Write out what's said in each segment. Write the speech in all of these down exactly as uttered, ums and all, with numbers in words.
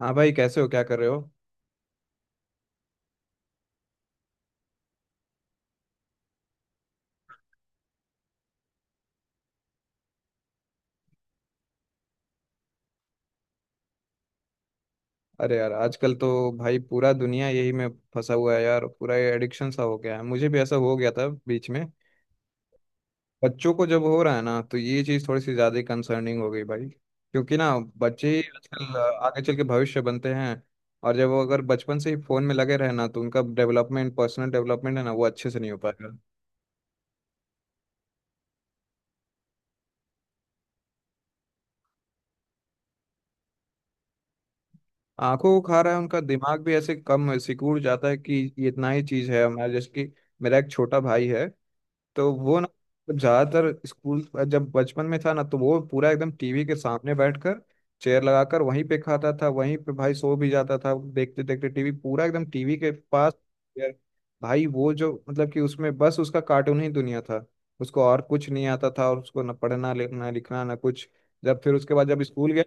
हाँ भाई, कैसे हो? क्या कर रहे हो? अरे यार, आजकल तो भाई पूरा दुनिया यही में फंसा हुआ है यार। पूरा ये एडिक्शन सा हो गया है। मुझे भी ऐसा हो गया था बीच में। बच्चों को जब हो रहा है ना, तो ये चीज़ थोड़ी सी ज़्यादा कंसर्निंग हो गई भाई, क्योंकि ना बच्चे ही आजकल आगे चल के भविष्य बनते हैं। और जब वो अगर बचपन से ही फ़ोन में लगे रहे ना, तो उनका डेवलपमेंट, पर्सनल डेवलपमेंट है ना, वो अच्छे से नहीं हो पाएगा। आंखों को खा रहा है, उनका दिमाग भी ऐसे कम सिकुड़ जाता है कि ये इतना ही चीज़ है हमारा। जैसे कि मेरा एक छोटा भाई है, तो वो ना ज्यादातर स्कूल, जब बचपन में था ना, तो वो पूरा एकदम टीवी के सामने बैठकर, चेयर लगाकर वहीं पे खाता था, वहीं पे भाई सो भी जाता था, देखते देखते टीवी, पूरा एकदम टीवी के पास यार। भाई वो जो, मतलब कि उसमें बस उसका कार्टून ही दुनिया था। उसको और कुछ नहीं आता था, और उसको ना पढ़ना लिखना लिखना ना कुछ। जब फिर उसके बाद जब स्कूल गया,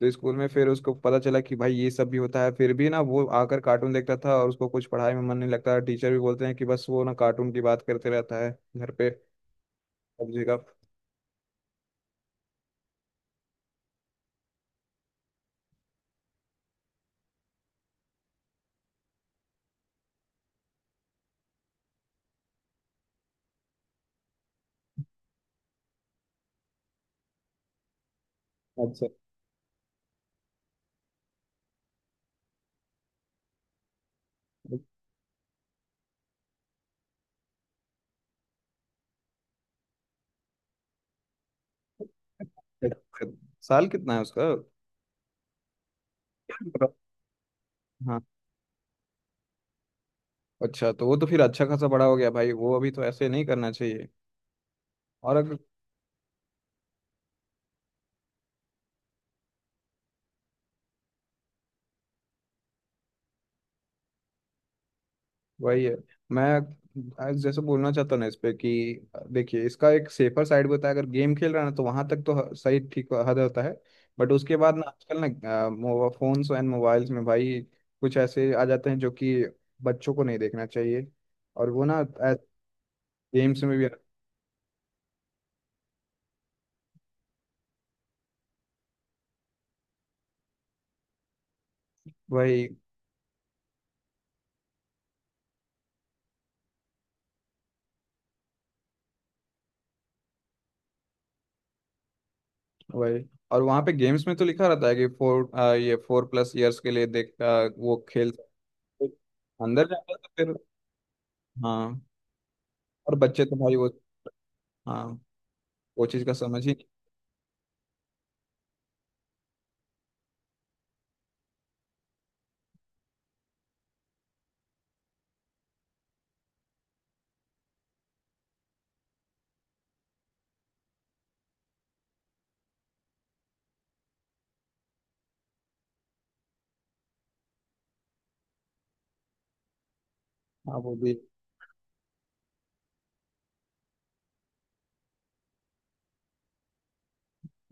तो स्कूल में फिर उसको पता चला कि भाई ये सब भी होता है। फिर भी ना वो आकर कार्टून देखता था और उसको कुछ पढ़ाई में मन नहीं लगता था। टीचर भी बोलते हैं कि बस वो ना कार्टून की बात करते रहता है घर पे, सब्जी का। अच्छा, अच्छा। साल कितना है उसका? हाँ। अच्छा, तो वो तो फिर अच्छा खासा बड़ा हो गया भाई। वो अभी तो ऐसे नहीं करना चाहिए। और अगर, वही है। मैं आज जैसे बोलना चाहता हूँ ना इस पे कि देखिए, इसका एक सेफर साइड भी होता है। अगर गेम खेल रहा है ना, तो वहां तक तो ह- सही ठीक हद होता है। बट उसके बाद ना आजकल ना फोन्स एंड मोबाइल्स में भाई कुछ ऐसे आ जाते हैं जो कि बच्चों को नहीं देखना चाहिए। और वो ना गेम्स में भी, वही वही। और वहां पे गेम्स में तो लिखा रहता है कि फोर, ये फोर प्लस इयर्स के लिए देख अ, वो खेल सकते। अंदर जाता है, तो फिर हाँ। और बच्चे तो भाई वो, हाँ, वो चीज का समझ ही। हाँ, वो भी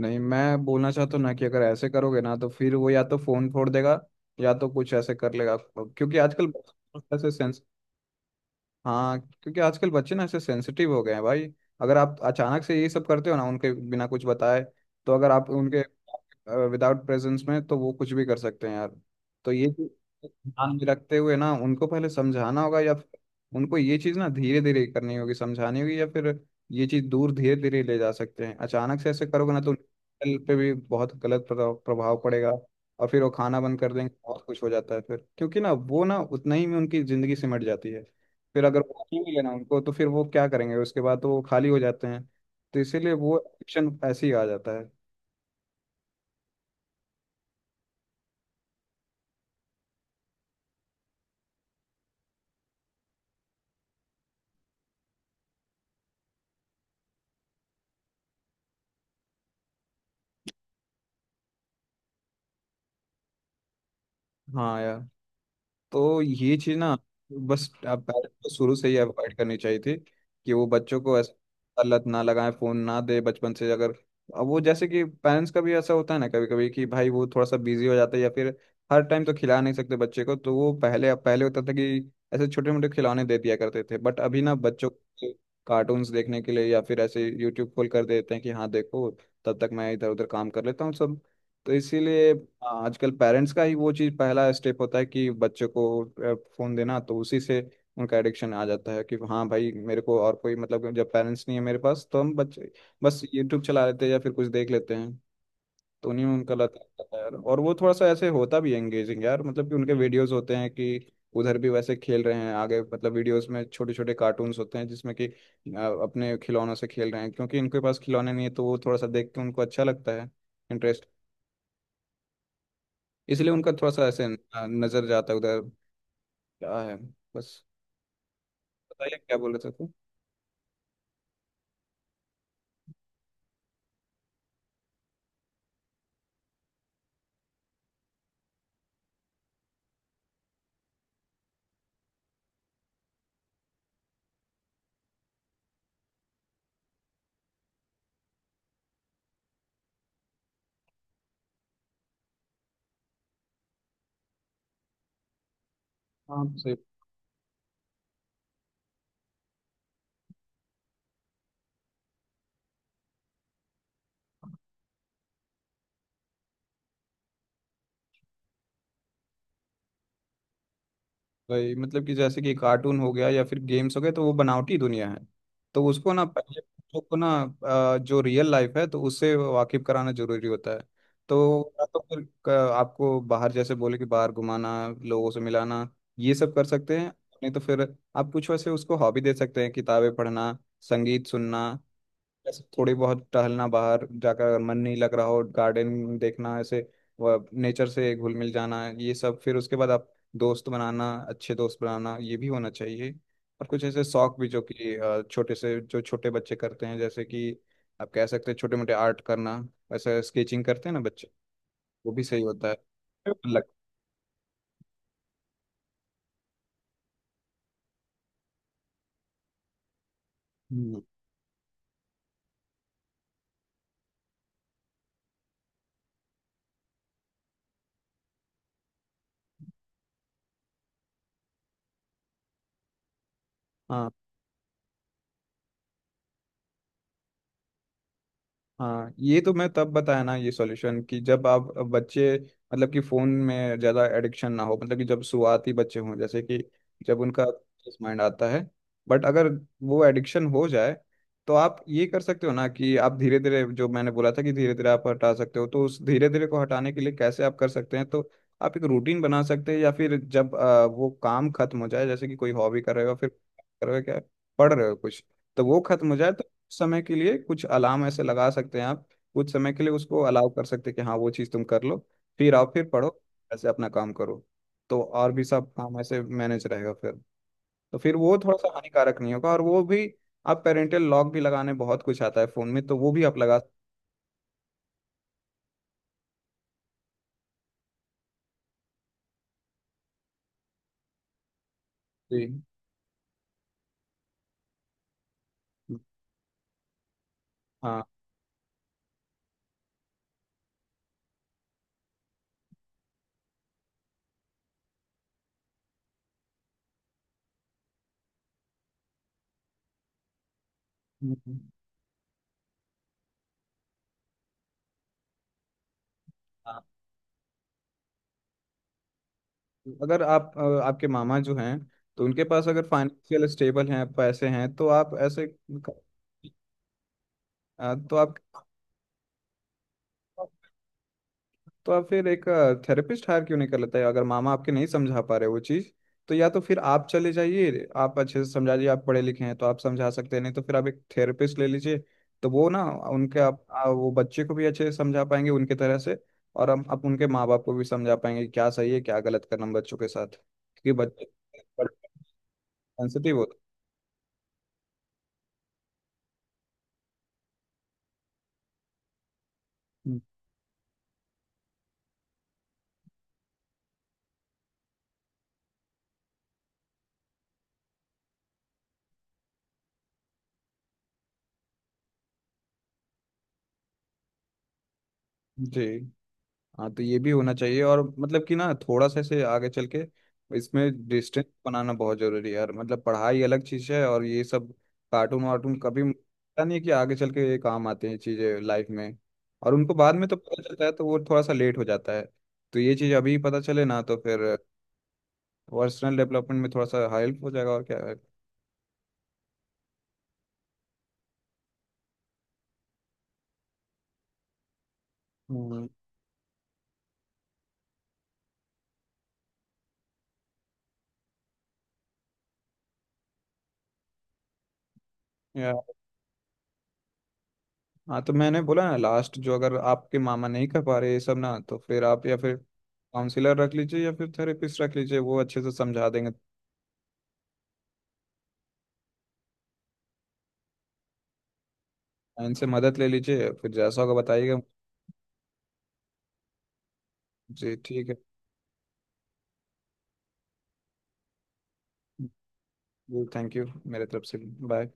नहीं। मैं बोलना चाहता हूँ ना कि अगर ऐसे करोगे ना, तो फिर वो या तो फोन फोड़ देगा, या तो कुछ ऐसे कर लेगा, क्योंकि आजकल ऐसे, हाँ, क्योंकि आजकल बच्चे ना ऐसे सेंसिटिव हो गए हैं भाई। अगर आप अचानक से ये सब करते हो ना उनके, बिना कुछ बताए, तो अगर आप उनके विदाउट प्रेजेंस में, तो वो कुछ भी कर सकते हैं यार। तो ये चीज़ ध्यान में रखते हुए ना उनको पहले समझाना होगा, या फिर उनको ये चीज़ ना धीरे धीरे करनी होगी, समझानी होगी। या फिर ये चीज़ दूर धीरे धीरे ले जा सकते हैं। अचानक से ऐसे करोगे ना, तो उनके हेल्थ पे भी बहुत गलत प्रभाव प्रभाव पड़ेगा। और फिर वो खाना बंद कर देंगे, बहुत कुछ हो जाता है फिर, क्योंकि ना वो ना उतना ही में उनकी ज़िंदगी सिमट जाती है। फिर अगर वो नहीं लेना उनको, तो फिर वो क्या करेंगे उसके बाद? तो वो खाली हो जाते हैं। तो इसीलिए वो एडिक्शन ऐसे ही आ जाता है। हाँ यार, तो ये चीज ना बस आप पेरेंट्स को शुरू से ही अवॉइड करनी चाहिए थी कि वो बच्चों को ऐसा लत ना लगाएं, फोन ना दे बचपन से। अगर अब वो, जैसे कि पेरेंट्स का भी ऐसा होता है ना कभी कभी कि भाई वो थोड़ा सा बिजी हो जाता है, या फिर हर टाइम तो खिला नहीं सकते बच्चे को, तो वो पहले पहले होता था कि ऐसे छोटे मोटे खिलौने दे दिया करते थे, बट अभी ना बच्चों को कार्टून्स देखने के लिए या फिर ऐसे यूट्यूब खोल कर देते हैं कि हाँ देखो, तब तक मैं इधर उधर काम कर लेता हूँ सब। तो इसीलिए, हाँ, आजकल पेरेंट्स का ही वो चीज पहला स्टेप होता है कि बच्चे को अ, फोन देना। तो उसी से उनका एडिक्शन आ जाता है कि हाँ भाई, मेरे को और कोई, मतलब जब पेरेंट्स नहीं है मेरे पास तो हम बच्चे बस यूट्यूब चला लेते हैं या फिर कुछ देख लेते हैं। तो उन्हीं में उनका लत लग जाता है यार। और वो थोड़ा सा ऐसे होता भी है एंगेजिंग यार, मतलब कि उनके वीडियोस होते हैं कि उधर भी वैसे खेल रहे हैं आगे, मतलब वीडियोस में छोटे छोटे कार्टून्स होते हैं जिसमें कि अ, अपने खिलौनों से खेल रहे हैं। क्योंकि इनके पास खिलौने नहीं है, तो वो थोड़ा सा देख के उनको अच्छा लगता है, इंटरेस्ट। इसलिए उनका थोड़ा सा ऐसे न- नजर जाता है उधर। क्या है, बस। बताइए क्या बोल रहे थे तुम। हाँ सही। भाई मतलब कि जैसे कि कार्टून हो गया या फिर गेम्स हो गए, तो वो बनावटी दुनिया है। तो उसको ना पहले बच्चों को ना अ, जो रियल लाइफ है, तो उससे वाकिफ कराना जरूरी होता है। तो या तो फिर क- आपको बाहर, जैसे बोले कि बाहर घुमाना, लोगों से मिलाना, ये सब कर सकते हैं। नहीं तो फिर आप कुछ वैसे उसको हॉबी दे सकते हैं, किताबें पढ़ना, संगीत सुनना, जैसे थोड़ी बहुत टहलना बाहर जाकर, अगर मन नहीं लग रहा हो गार्डन देखना ऐसे, नेचर से घुल मिल जाना। ये सब फिर उसके बाद आप दोस्त बनाना, अच्छे दोस्त बनाना, ये भी होना चाहिए। और कुछ ऐसे शौक भी जो कि अ, छोटे से, जो छोटे बच्चे करते हैं, जैसे कि आप कह सकते हैं छोटे मोटे आर्ट करना, वैसे स्केचिंग करते हैं ना बच्चे, वो भी सही होता है लग। हम्म। हाँ। हाँ, ये तो मैं तब बताया ना ये सॉल्यूशन कि जब आप बच्चे, मतलब कि फोन में ज्यादा एडिक्शन ना हो, मतलब कि जब शुरुआती बच्चे हों, जैसे कि जब उनका माइंड आता है। बट अगर वो एडिक्शन हो जाए, तो आप ये कर सकते हो ना कि आप धीरे धीरे, जो मैंने बोला था कि धीरे धीरे आप हटा सकते हो, तो उस धीरे धीरे को हटाने के लिए कैसे आप कर सकते हैं, तो आप एक रूटीन बना सकते हैं। या फिर जब अ, वो काम खत्म हो जाए, जैसे कि कोई हॉबी कर रहे हो, फिर कर रहे हो क्या, पढ़ रहे हो कुछ, तो वो खत्म हो जाए, समय के लिए कुछ अलार्म ऐसे लगा सकते हैं आप। कुछ समय के लिए उसको अलाउ कर सकते हैं कि हाँ वो चीज़ तुम कर लो, फिर आओ, फिर पढ़ो, ऐसे अपना काम करो। तो और भी सब काम ऐसे मैनेज रहेगा फिर, तो फिर वो थोड़ा सा हानिकारक नहीं होगा। और वो भी, आप पेरेंटल लॉक भी लगाने, बहुत कुछ आता है फ़ोन में, तो वो भी आप लगा सकते हैं। हाँ। हम्म। हम्म। हाँ। तो अगर आप अ, आपके मामा जो हैं, तो उनके पास अगर फाइनेंशियल स्टेबल हैं, पैसे हैं, तो आप ऐसे, अ, तो आप, तो आप फिर एक थेरेपिस्ट हायर क्यों नहीं कर लेते, अगर मामा आपके नहीं समझा पा रहे वो चीज़। तो या तो फिर आप चले जाइए, आप अच्छे से समझा दीजिए, आप पढ़े लिखे हैं तो आप समझा सकते हैं, नहीं तो फिर आप एक थेरेपिस्ट ले लीजिए। तो वो ना उनके, आप आ, वो बच्चे को भी अच्छे से समझा पाएंगे उनके तरह से, और हम, आप उनके माँ बाप को भी समझा पाएंगे कि क्या सही है, क्या गलत करना है बच्चों के साथ। क्योंकि बच्चे सेंसिटिव होते हैं। जी। हाँ, तो ये भी होना चाहिए। और मतलब कि ना थोड़ा सा ऐसे आगे चल के इसमें डिस्टेंस बनाना बहुत जरूरी है यार। मतलब पढ़ाई अलग चीज है, और ये सब कार्टून वार्टून, कभी पता नहीं कि आगे चल के ये काम आते हैं चीजें लाइफ में। और उनको बाद में तो पता चलता है, तो वो थोड़ा सा लेट हो जाता है। तो ये चीज अभी पता चले ना, तो फिर पर्सनल डेवलपमेंट में थोड़ा सा हेल्प हो जाएगा, और क्या है। हम्म। यार हाँ, तो मैंने बोला ना लास्ट, जो अगर आपके मामा नहीं कर पा रहे ये सब ना, तो फिर आप या फिर काउंसलर रख लीजिए, या फिर थेरेपिस्ट रख लीजिए, वो अच्छे से समझा देंगे। इनसे मदद ले लीजिए, फिर जैसा होगा बताइएगा। जी ठीक है। जी थैंक यू मेरे तरफ से। बाय।